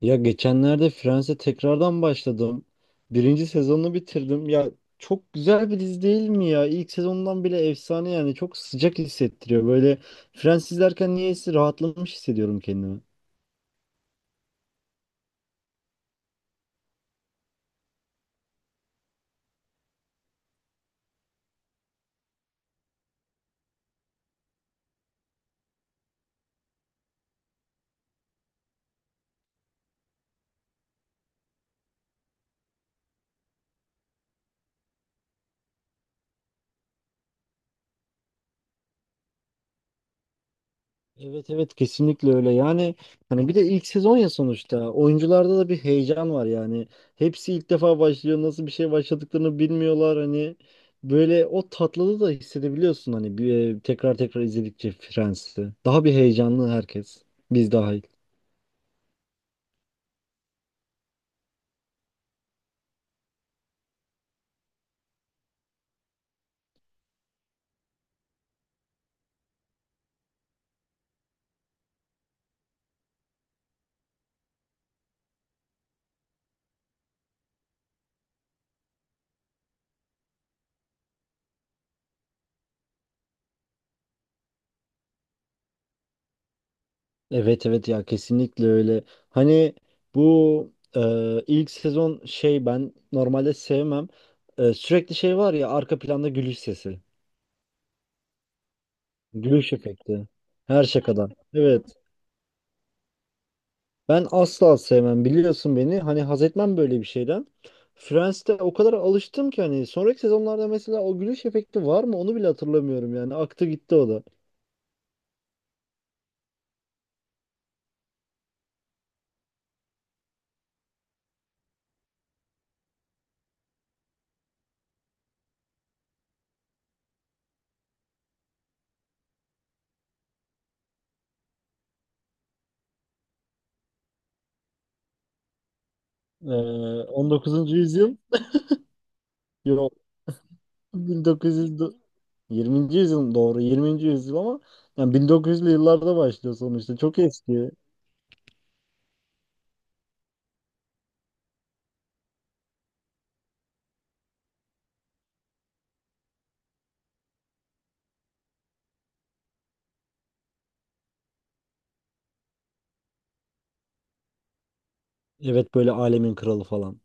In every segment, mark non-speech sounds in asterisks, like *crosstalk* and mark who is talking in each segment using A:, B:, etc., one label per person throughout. A: Ya geçenlerde Friends'e tekrardan başladım. Birinci sezonunu bitirdim. Ya çok güzel bir dizi değil mi ya? İlk sezondan bile efsane yani. Çok sıcak hissettiriyor. Böyle Friends izlerken niyeyse rahatlamış hissediyorum kendimi. Evet, evet kesinlikle öyle yani, hani bir de ilk sezon ya, sonuçta oyuncularda da bir heyecan var yani, hepsi ilk defa başlıyor, nasıl bir şey başladıklarını bilmiyorlar, hani böyle o tatlılığı da hissedebiliyorsun. Hani bir, tekrar tekrar izledikçe Friends'i daha bir heyecanlı herkes, biz dahil. Evet, evet ya kesinlikle öyle. Hani bu ilk sezon şey, ben normalde sevmem. Sürekli şey var ya, arka planda gülüş sesi. Gülüş efekti. Her şakadan. Evet. Ben asla sevmem, biliyorsun beni. Hani haz etmem böyle bir şeyden. Friends'te o kadar alıştım ki hani sonraki sezonlarda mesela o gülüş efekti var mı, onu bile hatırlamıyorum yani. Aktı gitti o da. Ee, 19. yüzyıl, yok, 1900, 20. yüzyıl, doğru, 20. yüzyıl ama yani 1900'lü yıllarda başlıyor sonuçta. Çok eski. Evet, böyle alemin kralı falan.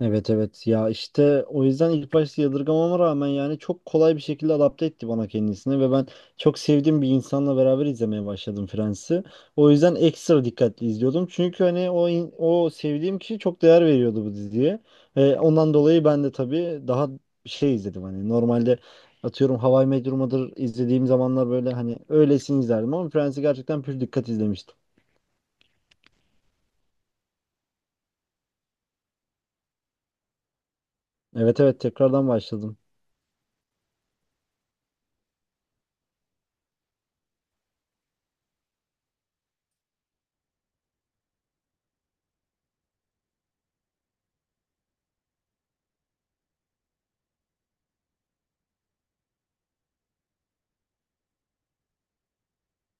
A: Evet, evet ya işte o yüzden ilk başta yadırgamama rağmen yani çok kolay bir şekilde adapte etti bana kendisini ve ben çok sevdiğim bir insanla beraber izlemeye başladım Friends'i. O yüzden ekstra dikkatli izliyordum. Çünkü hani o sevdiğim kişi çok değer veriyordu bu diziye. Ve ondan dolayı ben de tabii daha şey izledim, hani normalde atıyorum How I Met Your Mother izlediğim zamanlar böyle hani öylesini izlerdim ama Friends'i gerçekten pür dikkat izlemiştim. Evet, evet tekrardan başladım.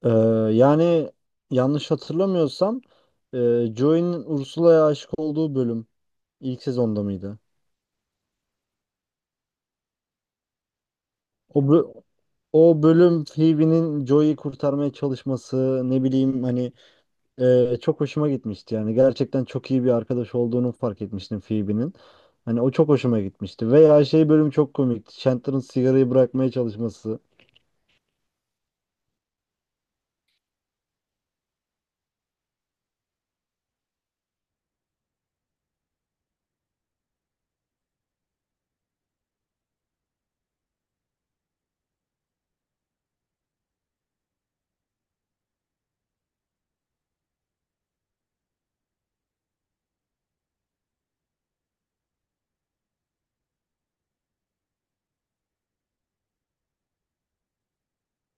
A: Ee, Yani yanlış hatırlamıyorsam, Joey'nin Ursula'ya aşık olduğu bölüm ilk sezonda mıydı? O bö- O bölüm, Phoebe'nin Joey'i kurtarmaya çalışması, ne bileyim hani, çok hoşuma gitmişti. Yani gerçekten çok iyi bir arkadaş olduğunu fark etmiştim Phoebe'nin. Hani o çok hoşuma gitmişti. Veya şey bölüm çok komikti, Chandler'ın sigarayı bırakmaya çalışması.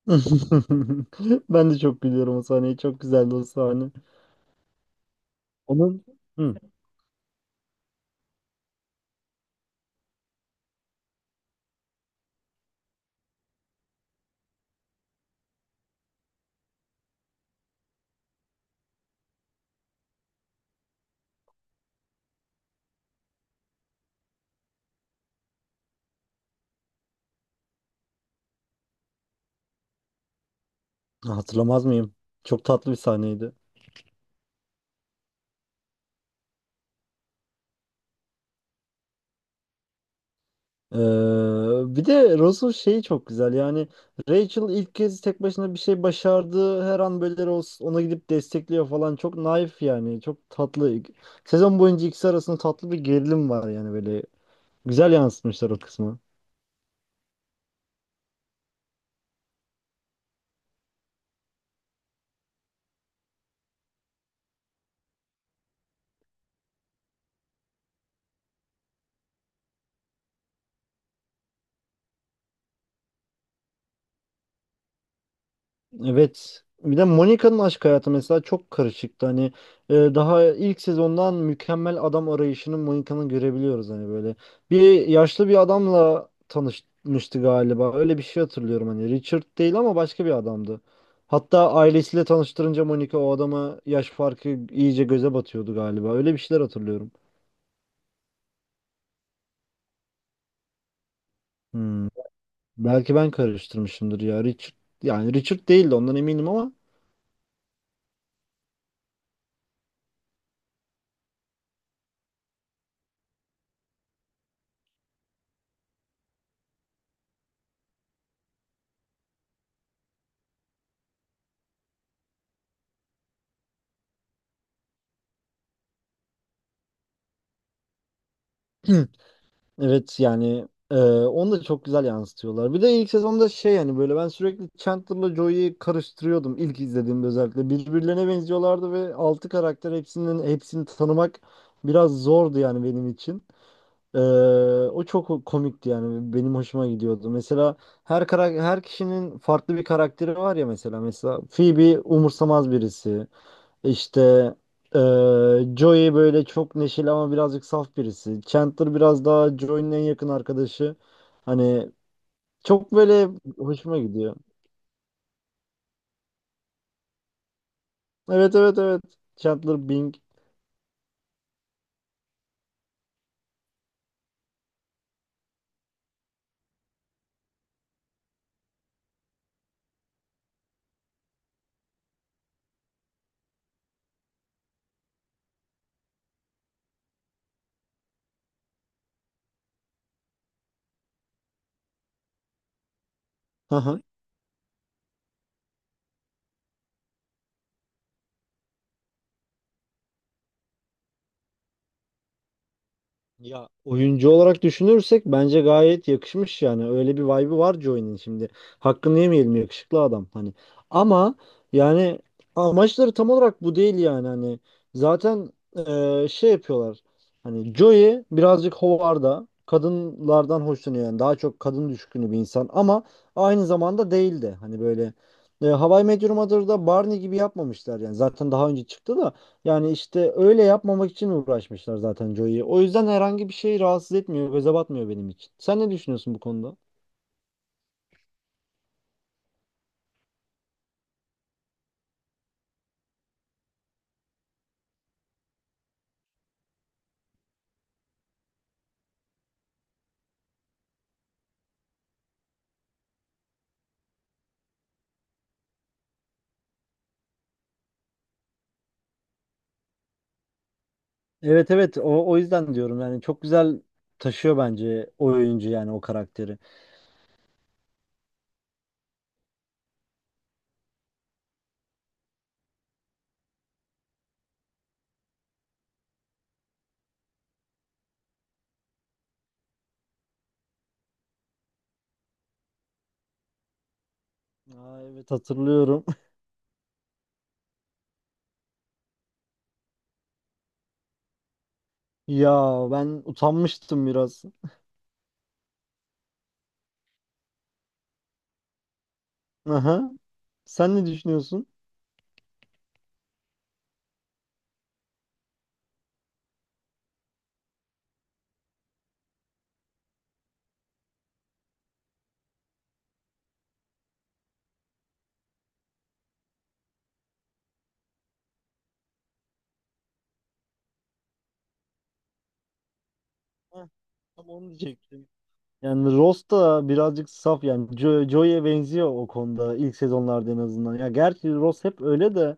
A: *laughs* Ben de çok gülüyorum o sahneye. Çok güzeldi o sahne. Onun. Hatırlamaz mıyım? Çok tatlı bir sahneydi. Ee, Bir de Ross'un şeyi çok güzel. Yani Rachel ilk kez tek başına bir şey başardı. Her an böyle Ross ona gidip destekliyor falan. Çok naif yani. Çok tatlı. Sezon boyunca ikisi arasında tatlı bir gerilim var yani böyle. Güzel yansıtmışlar o kısmı. Evet. Bir de Monica'nın aşk hayatı mesela çok karışıktı. Hani daha ilk sezondan mükemmel adam arayışını Monica'nın görebiliyoruz hani böyle. Bir yaşlı bir adamla tanışmıştı galiba. Öyle bir şey hatırlıyorum hani. Richard değil ama başka bir adamdı. Hatta ailesiyle tanıştırınca Monica o adama yaş farkı iyice göze batıyordu galiba. Öyle bir şeyler hatırlıyorum. Hmm. Belki ben karıştırmışımdır ya. Richard, yani Richard değildi ondan eminim ama *clears throat* evet yani, onu da çok güzel yansıtıyorlar. Bir de ilk sezonda şey yani böyle ben sürekli Chandler'la Joey'yi karıştırıyordum ilk izlediğimde özellikle. Birbirlerine benziyorlardı ve altı karakter, hepsinin hepsini tanımak biraz zordu yani benim için. Ee, O çok komikti yani, benim hoşuma gidiyordu. Mesela her kişinin farklı bir karakteri var ya, mesela mesela Phoebe umursamaz birisi. İşte Joey böyle çok neşeli ama birazcık saf birisi. Chandler biraz daha Joey'nin en yakın arkadaşı. Hani çok böyle hoşuma gidiyor. Evet, evet, evet. Chandler Bing. *laughs* Ya oyuncu olarak düşünürsek bence gayet yakışmış yani. Öyle bir vibe'ı var Joy'nin şimdi. Hakkını yemeyelim, yakışıklı adam hani. Ama yani amaçları tam olarak bu değil yani hani. Zaten şey yapıyorlar. Hani Joey birazcık hovarda, kadınlardan hoşlanıyor yani. Daha çok kadın düşkünü bir insan ama aynı zamanda değil de, hani böyle How I Met Your Mother'da Barney gibi yapmamışlar yani. Zaten daha önce çıktı da, yani işte öyle yapmamak için uğraşmışlar zaten Joey'yi. O yüzden herhangi bir şey rahatsız etmiyor, göze batmıyor benim için. Sen ne düşünüyorsun bu konuda? Evet, evet o yüzden diyorum yani çok güzel taşıyor bence o oyuncu yani o karakteri. Aa, evet hatırlıyorum. *laughs* Ya ben utanmıştım biraz. Aha. Sen ne düşünüyorsun? Heh, tam onu diyecektim. Yani Ross da birazcık saf yani Joey'e benziyor o konuda, ilk sezonlarda en azından. Ya gerçi Ross hep öyle de.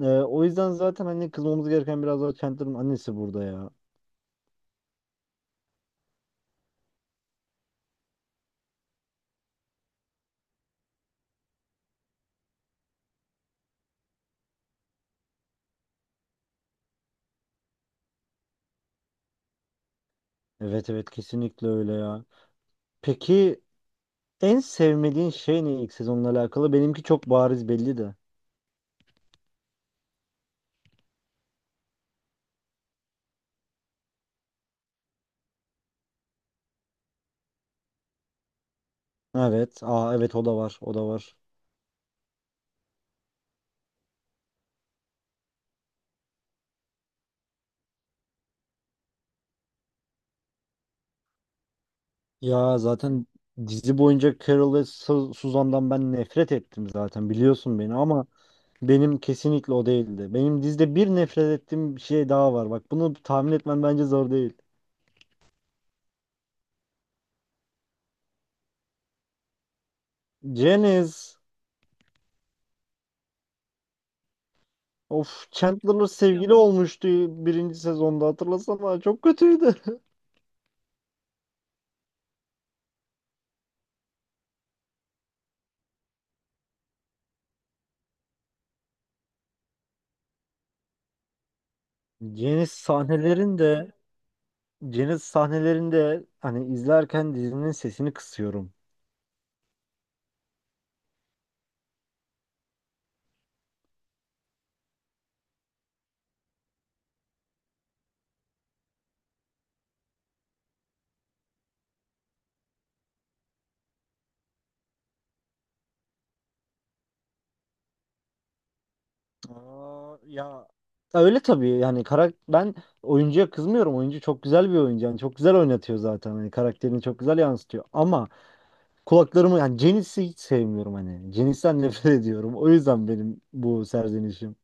A: O yüzden zaten hani kızmamız gereken biraz daha Chandler'ın annesi burada ya. Evet, evet kesinlikle öyle ya. Peki en sevmediğin şey ne ilk sezonla alakalı? Benimki çok bariz belli de. Evet. Aa, evet o da var. O da var. Ya zaten dizi boyunca Carol ve Suzan'dan ben nefret ettim zaten, biliyorsun beni, ama benim kesinlikle o değildi. Benim dizide bir nefret ettiğim bir şey daha var. Bak bunu tahmin etmen bence zor değil. Janice. Of, Chandler sevgili olmuştu birinci sezonda, hatırlasana çok kötüydü. *laughs* Janice sahnelerinde Janice sahnelerinde hani izlerken dizinin sesini kısıyorum. Aa, ya öyle tabii yani ben oyuncuya kızmıyorum. Oyuncu çok güzel bir oyuncu. Yani çok güzel oynatıyor zaten. Hani karakterini çok güzel yansıtıyor. Ama yani Janice'i hiç sevmiyorum hani. Janice'den nefret ediyorum. O yüzden benim bu serzenişim.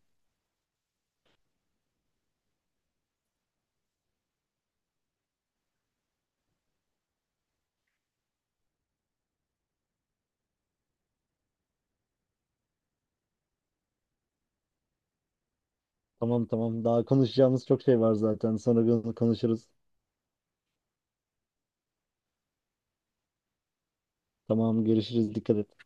A: Tamam, tamam, daha konuşacağımız çok şey var zaten. Sonra bunu konuşuruz. Tamam, görüşürüz. Dikkat et.